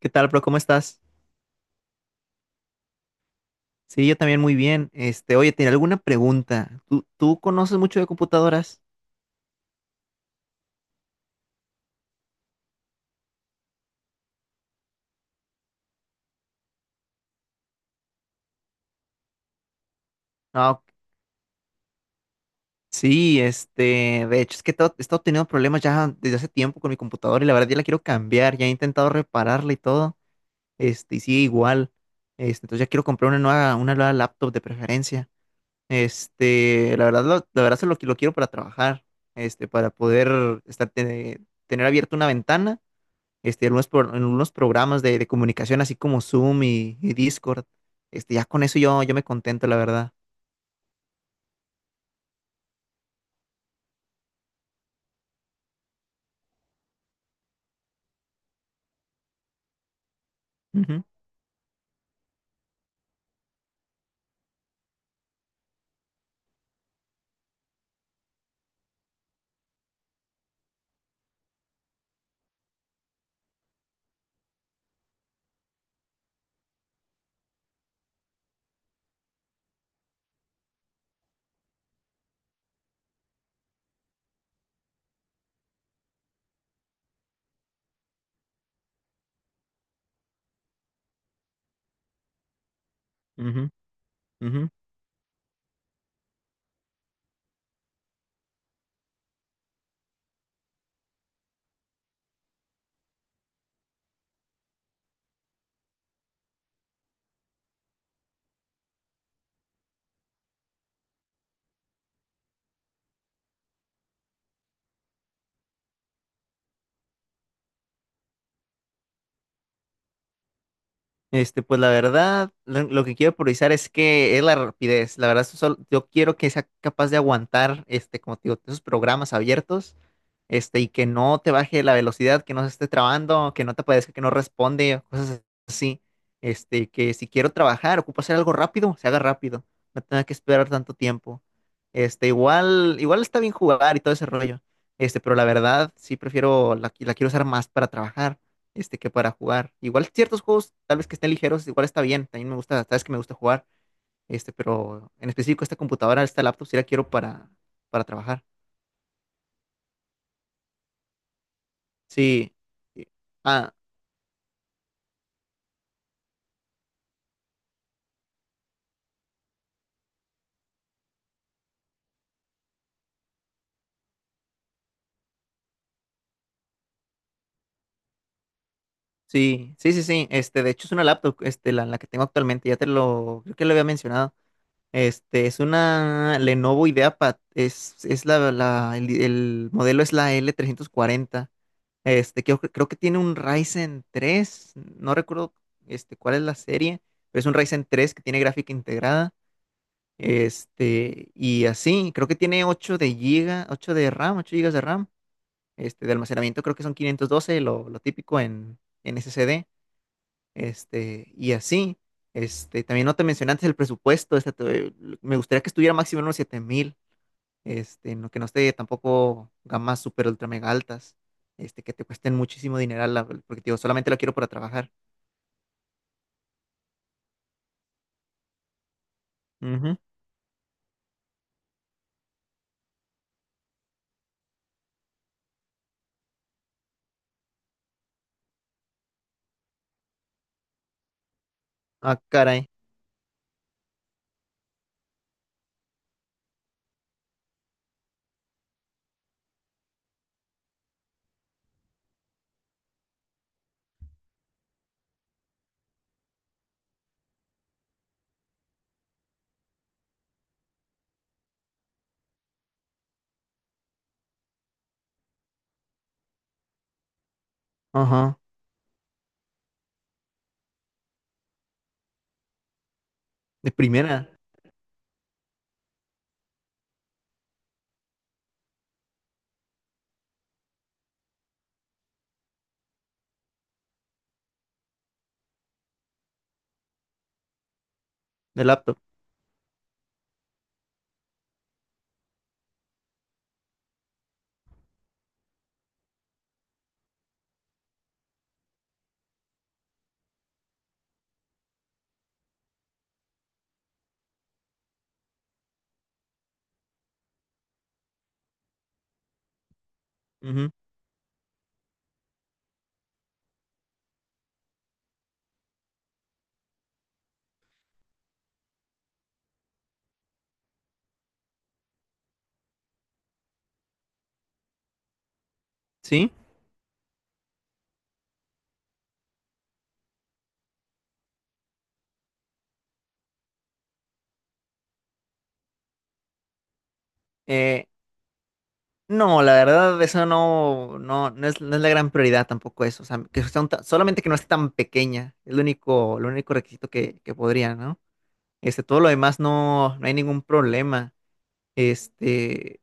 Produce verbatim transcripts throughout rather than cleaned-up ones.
¿Qué tal, bro? ¿Cómo estás? Sí, yo también muy bien. Este, oye, tenía alguna pregunta. ¿Tú, tú conoces mucho de computadoras? No, sí, este, de hecho, es que he estado he estado teniendo problemas ya desde hace tiempo con mi computadora y la verdad ya la quiero cambiar. Ya he intentado repararla y todo. Este, y sigue igual. Este, entonces ya quiero comprar una nueva, una nueva laptop de preferencia. Este, la verdad, lo- la verdad es lo que lo quiero para trabajar. Este, para poder estar, te- tener abierta una ventana este, en unos, pro- en unos programas de, de comunicación, así como Zoom y, y Discord. Este, ya con eso yo, yo me contento, la verdad. Ujú, ujú, ujú. Este, pues la verdad, lo, lo que quiero priorizar es que es la rapidez. La verdad, eso solo- yo quiero que sea capaz de aguantar, este, como te digo, esos programas abiertos este, y que no te baje la velocidad, que no se esté trabando, que no te aparezca, que no responde, cosas así. Este, que si quiero trabajar, ocupo hacer algo rápido, se haga rápido, no tenga que esperar tanto tiempo. Este, igual, igual está bien jugar y todo ese rollo. Este, pero la verdad, sí prefiero, la, la quiero usar más para trabajar, este, que para jugar. Igual ciertos juegos, tal vez que estén ligeros, igual está bien, también me gusta, sabes que me gusta jugar, este, pero en específico esta computadora, esta laptop, sí la quiero para, para, trabajar. Sí. Ah, sí, sí, sí, sí. Este, de hecho es una laptop, este, la, la que tengo actualmente, ya te lo, creo que lo había mencionado. Este, es una Lenovo IdeaPad, es, es la, la- el, el modelo es la l trescientos cuarenta. Este, creo, que- creo que tiene un Ryzen tres. no recuerdo, este, cuál es la serie, pero es un Ryzen tres que tiene gráfica integrada. Este, y así, creo que tiene ocho de giga, ocho de RAM, ocho gigas de RAM. Este, de almacenamiento creo que son quinientos doce, lo, lo típico en, en S S D este, y así. Este, también no te mencioné antes el presupuesto, este, te- me gustaría que estuviera máximo en unos siete mil, este, no, que no esté tampoco gamas super ultra mega altas, este, que te cuesten muchísimo dineral, la- porque te digo, solamente lo quiero para trabajar. Ujú. Ah, caray. Ajá. De primera, de laptop. Ujú. ¿Sí? Eh, no, la verdad, eso no, no, no es, no es la gran prioridad tampoco eso. O sea, que sea un ta- solamente que no esté tan pequeña. Es lo único, lo único requisito que, que podría, ¿no? Este, todo lo demás no, no hay ningún problema. Este,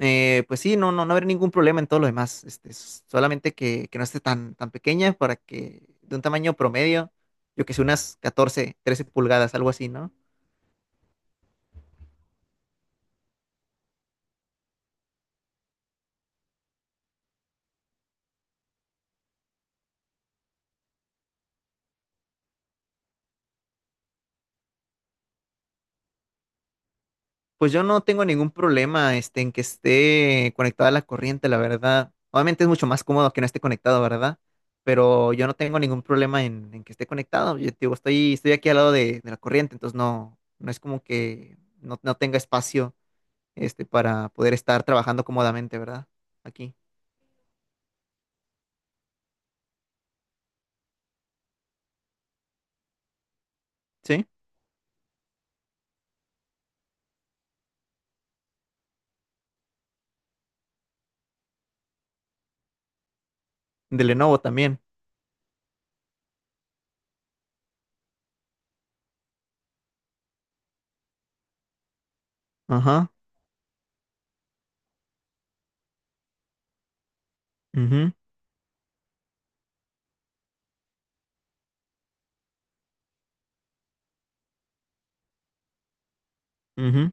eh, pues sí, no, no, no habrá ningún problema en todo lo demás. Este, s- solamente que, que no esté tan, tan pequeña para que de un tamaño promedio, yo que sé, unas catorce trece pulgadas, algo así, ¿no? Pues yo no tengo ningún problema, este, en que esté conectada a la corriente, la verdad. Obviamente es mucho más cómodo que no esté conectado, ¿verdad? Pero yo no tengo ningún problema en, en que esté conectado. Yo te digo, estoy, estoy aquí al lado de, de la corriente, entonces no, no es como que no, no tenga espacio este, para poder estar trabajando cómodamente, ¿verdad? Aquí. ¿Sí? De Lenovo también. Ajá. Ujú, ujú.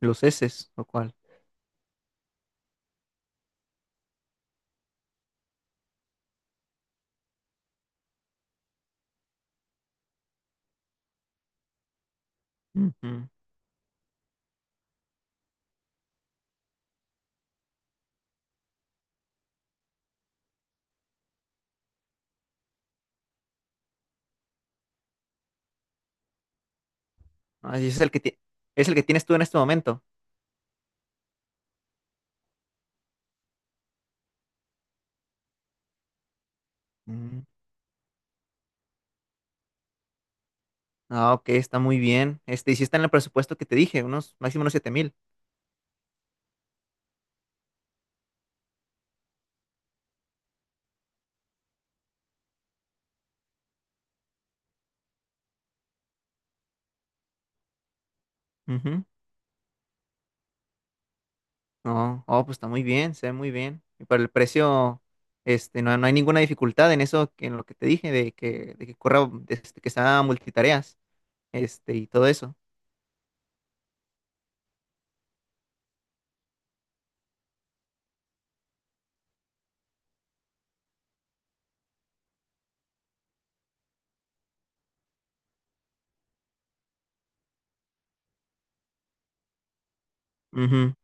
Los S, lo cual. Ujú. Ah, y es el que ti- es el que tienes tú en este momento. Mm. Ah, ok, está muy bien. Este, y si está en el presupuesto que te dije, unos, máximo unos siete mil. Ujú. No, oh, pues está muy bien, se ve muy bien. Y para el precio, este, no, no hay ninguna dificultad en eso, que en lo que te dije, de que, de que corra, este, que sea multitareas, este, y todo eso. Ujú.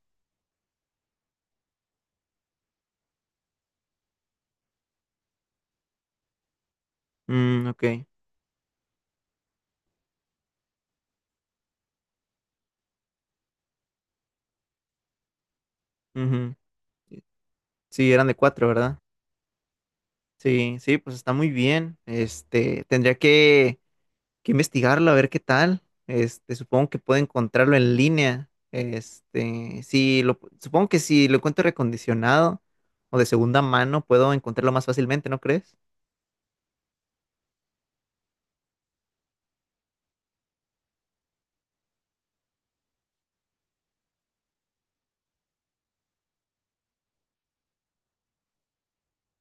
Mm, ok. Ujú. Sí, eran de cuatro, ¿verdad? Sí, sí, pues está muy bien. Este, tendría que, que, investigarlo a ver qué tal. Este, supongo que puedo encontrarlo en línea. Este, sí, lo, supongo que si lo encuentro recondicionado o de segunda mano, puedo encontrarlo más fácilmente, ¿no crees?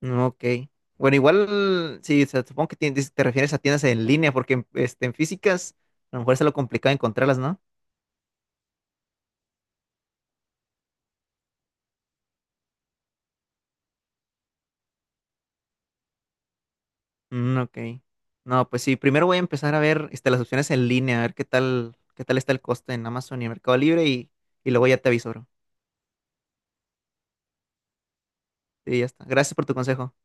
Mm, ok. Bueno, igual, sí, o sea, supongo que tien- dices- te refieres a tiendas en línea, porque en- este, en físicas a lo mejor es lo complicado encontrarlas, ¿no? Mm, ok. No, pues sí, primero voy a empezar a ver este, las opciones en línea, a ver qué tal, qué tal está el coste en Amazon y en Mercado Libre y, y luego ya te aviso, bro. Sí, ya está. Gracias por tu consejo.